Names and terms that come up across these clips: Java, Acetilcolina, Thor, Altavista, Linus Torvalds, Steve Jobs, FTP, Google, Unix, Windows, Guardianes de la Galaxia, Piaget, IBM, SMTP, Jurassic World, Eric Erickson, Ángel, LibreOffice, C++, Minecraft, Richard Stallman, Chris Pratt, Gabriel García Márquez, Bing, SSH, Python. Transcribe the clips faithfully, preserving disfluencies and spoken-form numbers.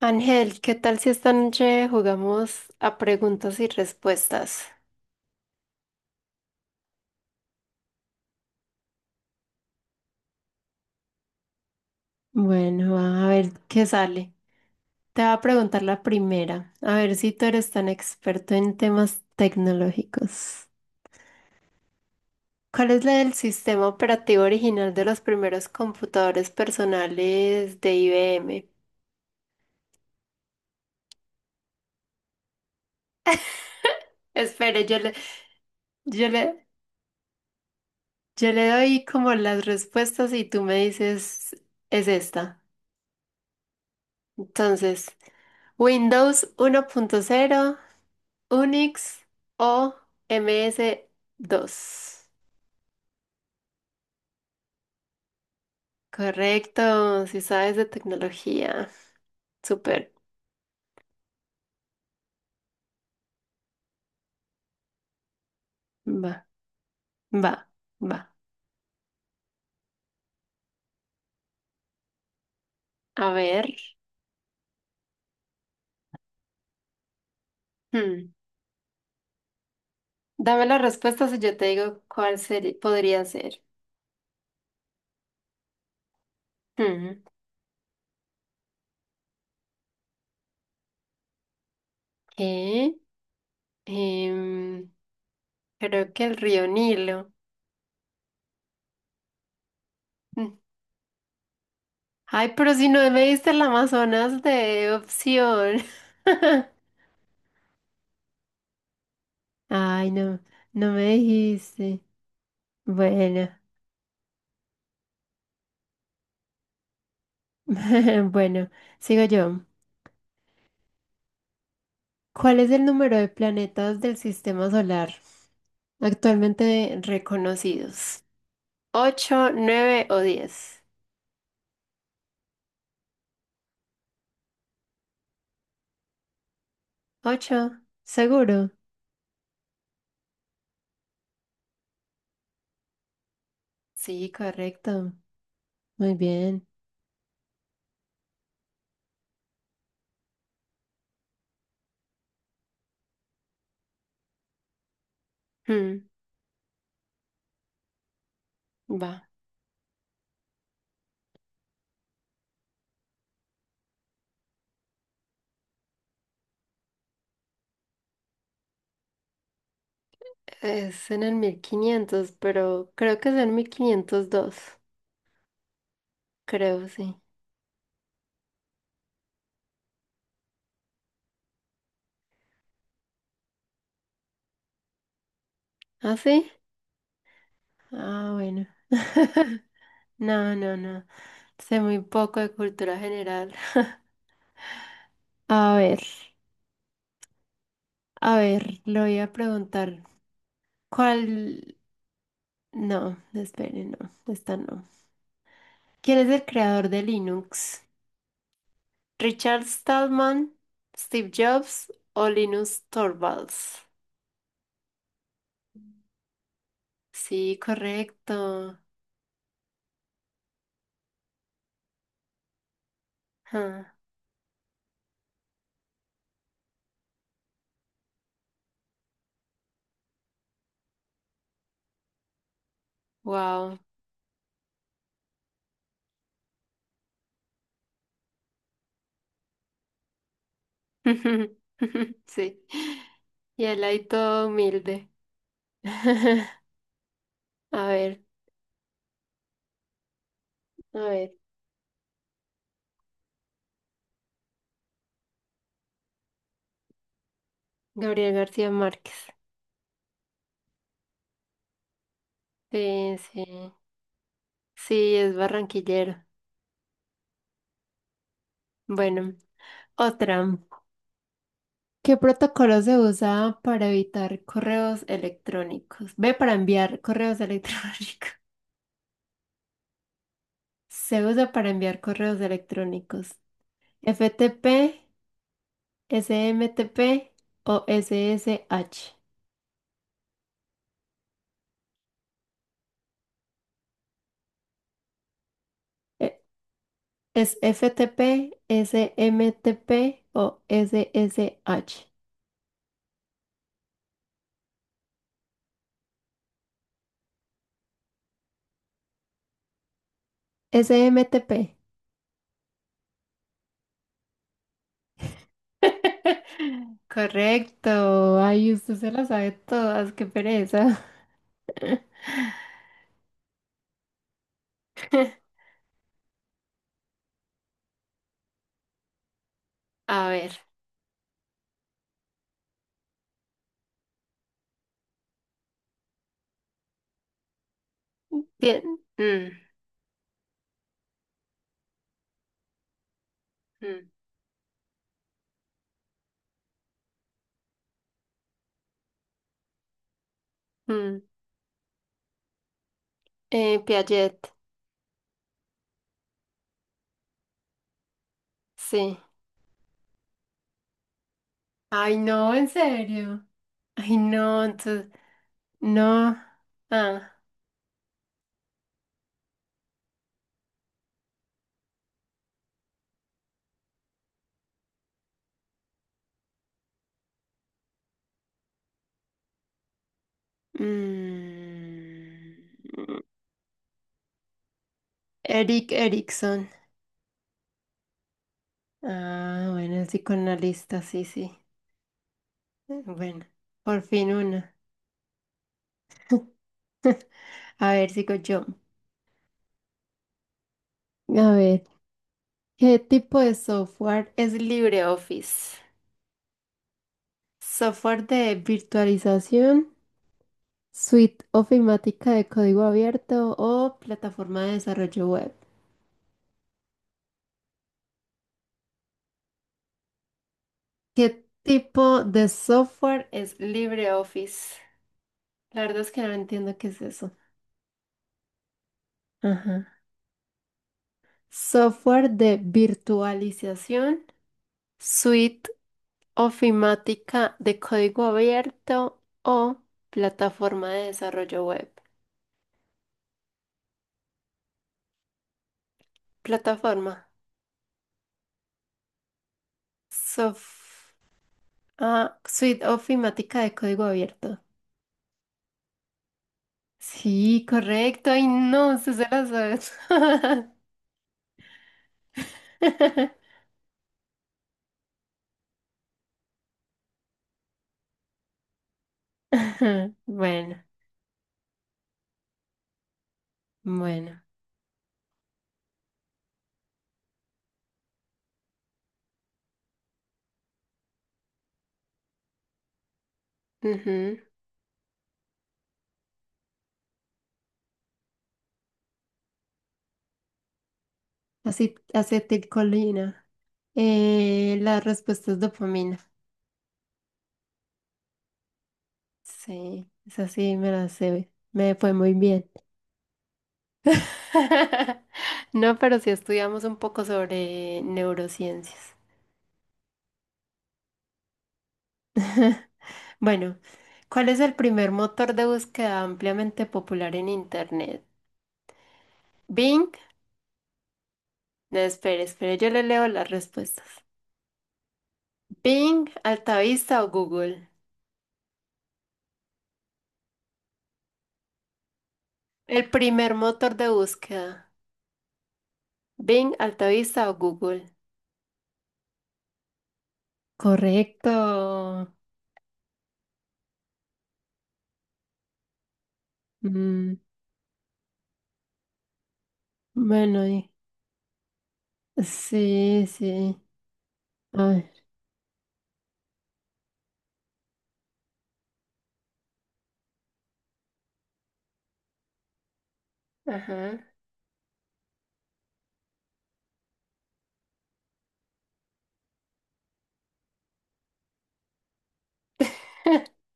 Ángel, ¿qué tal si esta noche jugamos a preguntas y respuestas? Bueno, a ver qué sale. Te voy a preguntar la primera, a ver si tú eres tan experto en temas tecnológicos. ¿Cuál es la del sistema operativo original de los primeros computadores personales de I B M? Espere, yo le, yo le, yo le doy como las respuestas y tú me dices, es esta. Entonces, Windows uno punto cero. Unix o ms dos. Correcto, si sabes de tecnología. Súper. Va, va, va. A ver. hmm, Dame las respuestas y yo te digo cuál seri- podría ser. Hmm. ¿Qué? Em, Creo que el río Nilo. Mm. Ay, pero si no me diste el Amazonas de opción. Ay, no, no me dijiste. Bueno, bueno, sigo yo. ¿Cuál es el número de planetas del sistema solar actualmente reconocidos? ¿Ocho, nueve o diez? ¿Ocho? ¿Seguro? Sí, correcto. Muy bien. Hmm, va. Es en el mil quinientos, pero creo que es en mil quinientos dos. Creo, sí. ¿Ah, sí? Ah, bueno. No, no, no. Sé muy poco de cultura general. A ver, a ver, lo voy a preguntar. ¿Cuál? No, espere, no, esta no. ¿Quién es el creador de Linux? ¿Richard Stallman, Steve Jobs o Linus Torvalds? Sí, correcto. Ah, wow. Sí. Y él ahí todo humilde. A ver, a ver. Gabriel García Márquez. Sí, sí. Sí, es barranquillero. Bueno, otra. ¿Qué protocolo se usa para evitar correos electrónicos? Ve para enviar correos electrónicos. Se usa para enviar correos electrónicos. F T P, S M T P o S S H. Eh, Es F T P, S M T P o SSH. S M T P. Correcto. Ay, usted se las sabe todas. Qué pereza. A ver. Bien. Mm, mm, mm. Eh, Piaget, sí. Ay, no, en serio. Ay, no, entonces, no. Ah. mm, Eric Erickson. Ah, bueno, psicoanalista, sí, sí. Eh, Bueno, por fin una. A ver, sigo yo. A ver, ¿qué tipo de software es LibreOffice? ¿Software de virtualización, suite ofimática de código abierto o plataforma de desarrollo web? ¿Qué tipo de software es LibreOffice? La verdad es que no entiendo qué es eso. Ajá. Software de virtualización, suite ofimática de código abierto o plataforma de desarrollo web. Plataforma. Sof- ah, suite ofimática de código abierto. Sí, correcto. Ay, no, se se la sabes. Bueno, bueno. Ujú. Acet- Acetilcolina. Eh, la respuesta es dopamina. Sí, esa sí me la sé. Me fue muy bien. No, pero sí estudiamos un poco sobre neurociencias. Bueno, ¿cuál es el primer motor de búsqueda ampliamente popular en Internet? Bing. No, espere, espere, yo le leo las respuestas. Bing, Altavista o Google. El primer motor de búsqueda. Bing, Altavista o Google. Correcto. Mm, bueno, y- sí, sí. A ver. Ajá.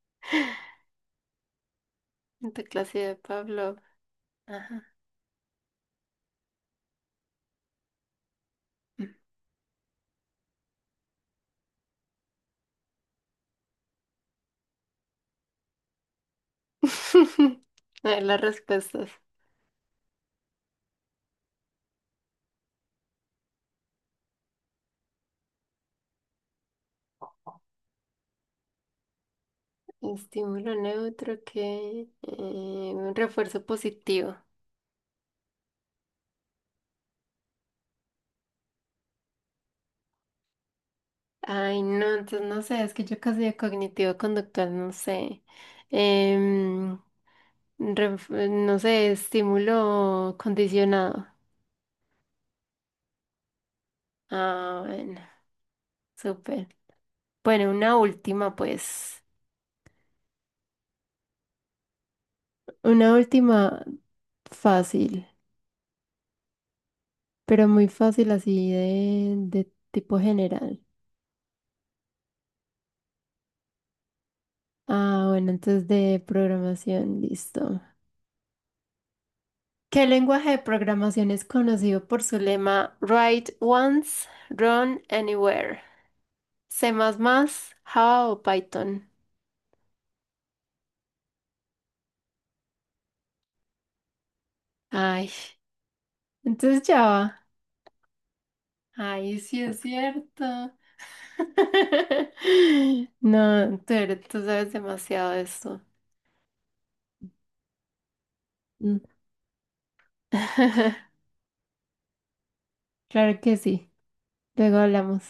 De clase de Pablo. Ajá. A ver, las respuestas. Estímulo neutro que eh, un refuerzo positivo. Ay, no, entonces no sé, es que yo casi de cognitivo conductual, no sé. Em, ref- no sé, estímulo condicionado. Ah, bueno, súper. Bueno, una última, pues. Una última fácil, pero muy fácil así de, de tipo general. Ah, bueno, entonces de programación, listo. ¿Qué lenguaje de programación es conocido por su lema Write once, run anywhere? ¿C++, Java o Python? Ay, entonces Java. Ay, sí es cierto. No, tú, eres- tú sabes demasiado de esto. Claro que sí. Luego hablamos.